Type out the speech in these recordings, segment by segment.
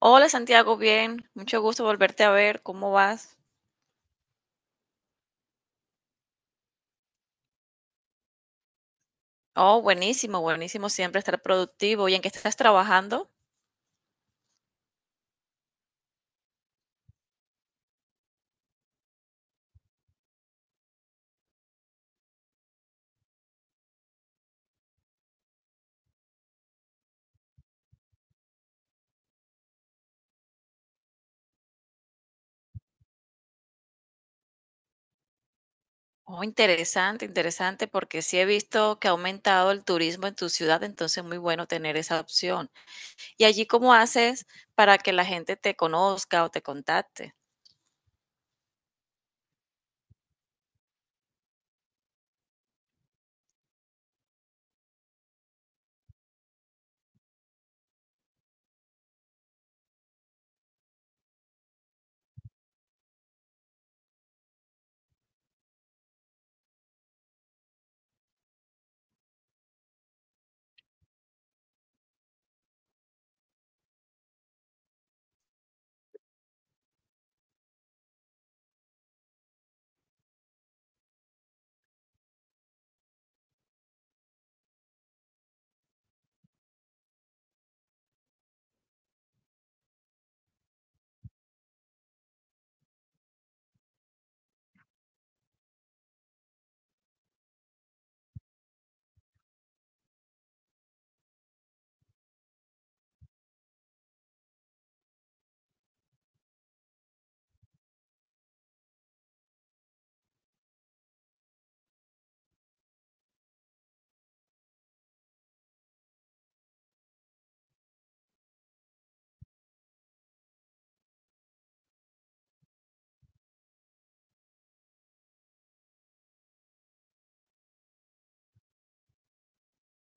Hola Santiago, bien, mucho gusto volverte a ver, ¿cómo vas? Oh, buenísimo, buenísimo siempre estar productivo. ¿Y en qué estás trabajando? Oh, interesante, interesante, porque sí he visto que ha aumentado el turismo en tu ciudad, entonces muy bueno tener esa opción. ¿Y allí cómo haces para que la gente te conozca o te contacte?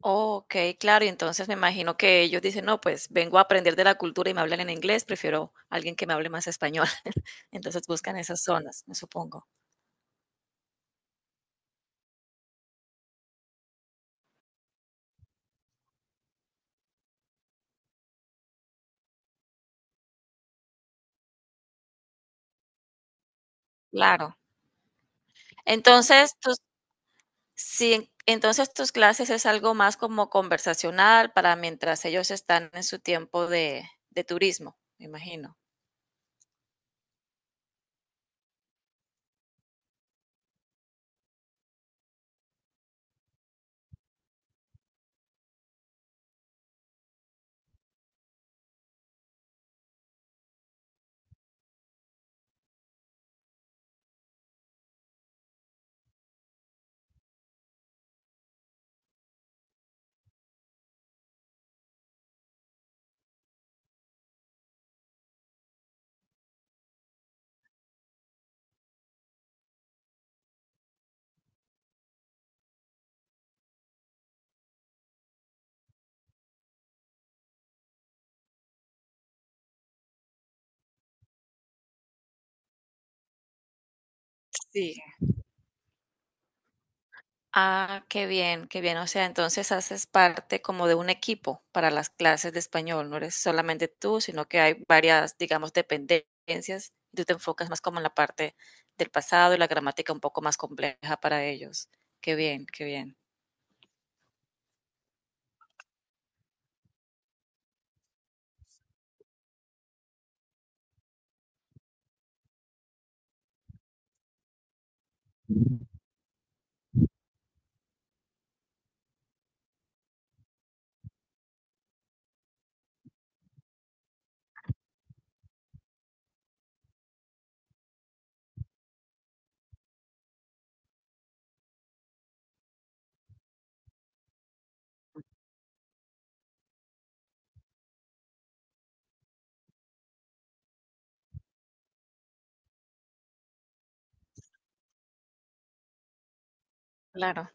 Oh, ok, claro, y entonces me imagino que ellos dicen: no, pues vengo a aprender de la cultura y me hablan en inglés, prefiero alguien que me hable más español. Entonces buscan esas zonas, me supongo. Claro. Entonces, tus sí, entonces, tus clases es algo más como conversacional para mientras ellos están en su tiempo de turismo, me imagino. Sí. Ah, qué bien, qué bien. O sea, entonces haces parte como de un equipo para las clases de español. No eres solamente tú, sino que hay varias, digamos, dependencias. Y tú te enfocas más como en la parte del pasado y la gramática un poco más compleja para ellos. Qué bien, qué bien. Claro.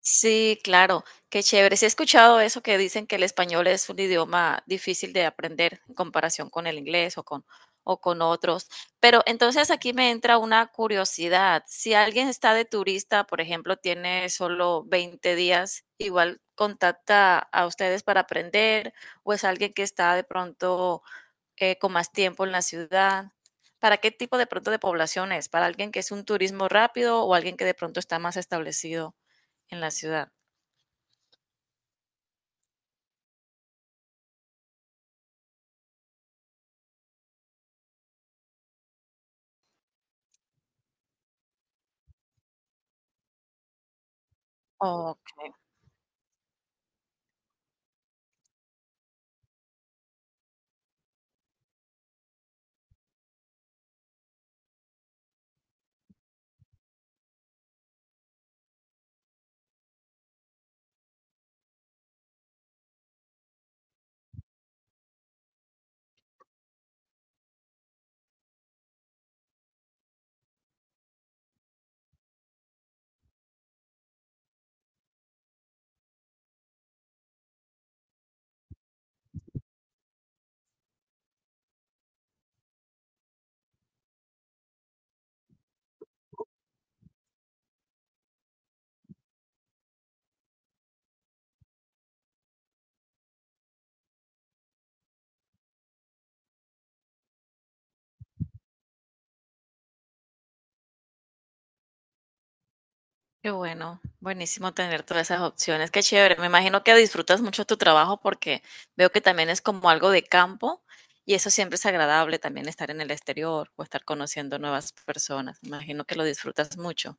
Sí, claro, qué chévere. Sí he escuchado eso que dicen que el español es un idioma difícil de aprender en comparación con el inglés o con otros. Pero entonces aquí me entra una curiosidad. Si alguien está de turista, por ejemplo, tiene solo 20 días, ¿igual contacta a ustedes para aprender o es alguien que está de pronto con más tiempo en la ciudad? ¿Para qué tipo de pronto de población es? ¿Para alguien que es un turismo rápido o alguien que de pronto está más establecido en la ciudad? Okey, qué bueno, buenísimo tener todas esas opciones, qué chévere. Me imagino que disfrutas mucho tu trabajo porque veo que también es como algo de campo y eso siempre es agradable, también estar en el exterior o estar conociendo nuevas personas. Me imagino que lo disfrutas mucho.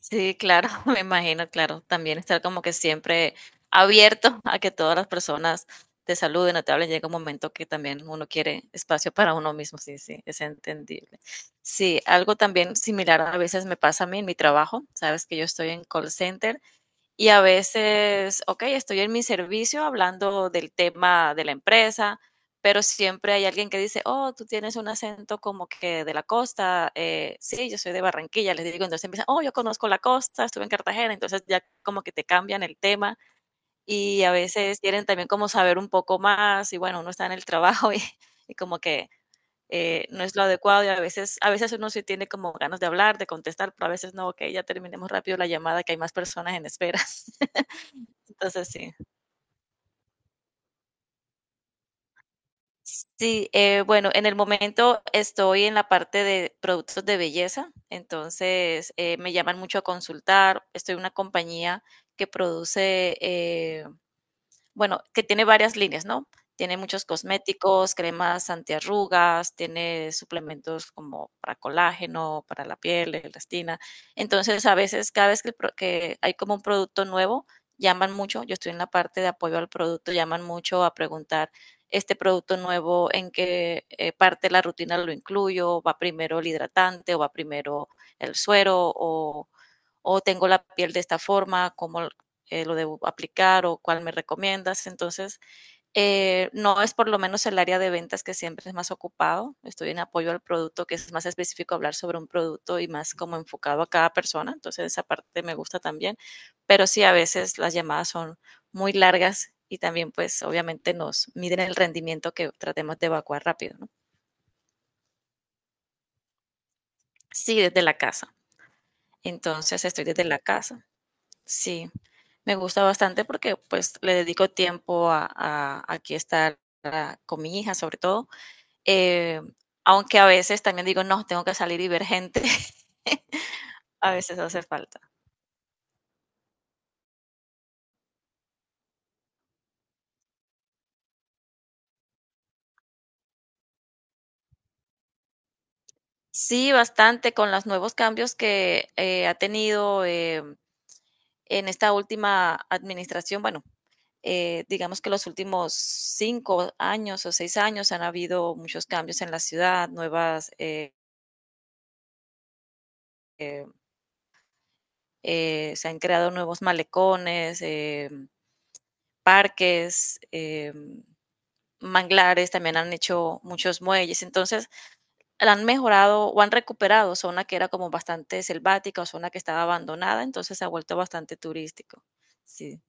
Sí, claro, me imagino, claro. También estar como que siempre abierto a que todas las personas te saluden o te hablen. Llega un momento que también uno quiere espacio para uno mismo. Sí, sí, es entendible. Sí, algo también similar a veces me pasa a mí en mi trabajo. Sabes que yo estoy en call center y a veces, ok, estoy en mi servicio hablando del tema de la empresa, pero siempre hay alguien que dice: oh, tú tienes un acento como que de la costa. Eh, sí, yo soy de Barranquilla, les digo. Entonces empiezan: oh, yo conozco la costa, estuve en Cartagena. Entonces ya como que te cambian el tema y a veces quieren también como saber un poco más y bueno, uno está en el trabajo y como que no es lo adecuado y a veces uno sí tiene como ganas de hablar, de contestar, pero a veces no, ok, ya terminemos rápido la llamada que hay más personas en espera. Entonces, sí. Sí, bueno, en el momento estoy en la parte de productos de belleza, entonces me llaman mucho a consultar. Estoy en una compañía que produce bueno, que tiene varias líneas, ¿no? Tiene muchos cosméticos, cremas antiarrugas, tiene suplementos como para colágeno, para la piel, elastina. Entonces, a veces, cada vez que, que hay como un producto nuevo, llaman mucho. Yo estoy en la parte de apoyo al producto, llaman mucho a preguntar: este producto nuevo, ¿en qué parte de la rutina lo incluyo? ¿Va primero el hidratante o va primero el suero? O tengo la piel de esta forma, ¿cómo, lo debo aplicar o cuál me recomiendas? Entonces, no es por lo menos el área de ventas que siempre es más ocupado. Estoy en apoyo al producto, que es más específico hablar sobre un producto y más como enfocado a cada persona. Entonces, esa parte me gusta también. Pero sí, a veces las llamadas son muy largas y también, pues, obviamente nos miden el rendimiento que tratemos de evacuar rápido, ¿no? Sí, desde la casa. Entonces, estoy desde la casa. Sí, me gusta bastante porque pues le dedico tiempo a- aquí estar ah, con mi hija sobre todo, eh, aunque a veces también digo: no, tengo que salir y ver gente, a veces hace falta. Sí, bastante con los nuevos cambios que ha tenido en esta última administración. Bueno, digamos que los últimos 5 años o 6 años han habido muchos cambios en la ciudad, nuevas... eh, se han creado nuevos malecones, parques, manglares, también han hecho muchos muelles, entonces han mejorado o han recuperado zona que era como bastante selvática o zona que estaba abandonada, entonces se ha vuelto bastante turístico. Sí.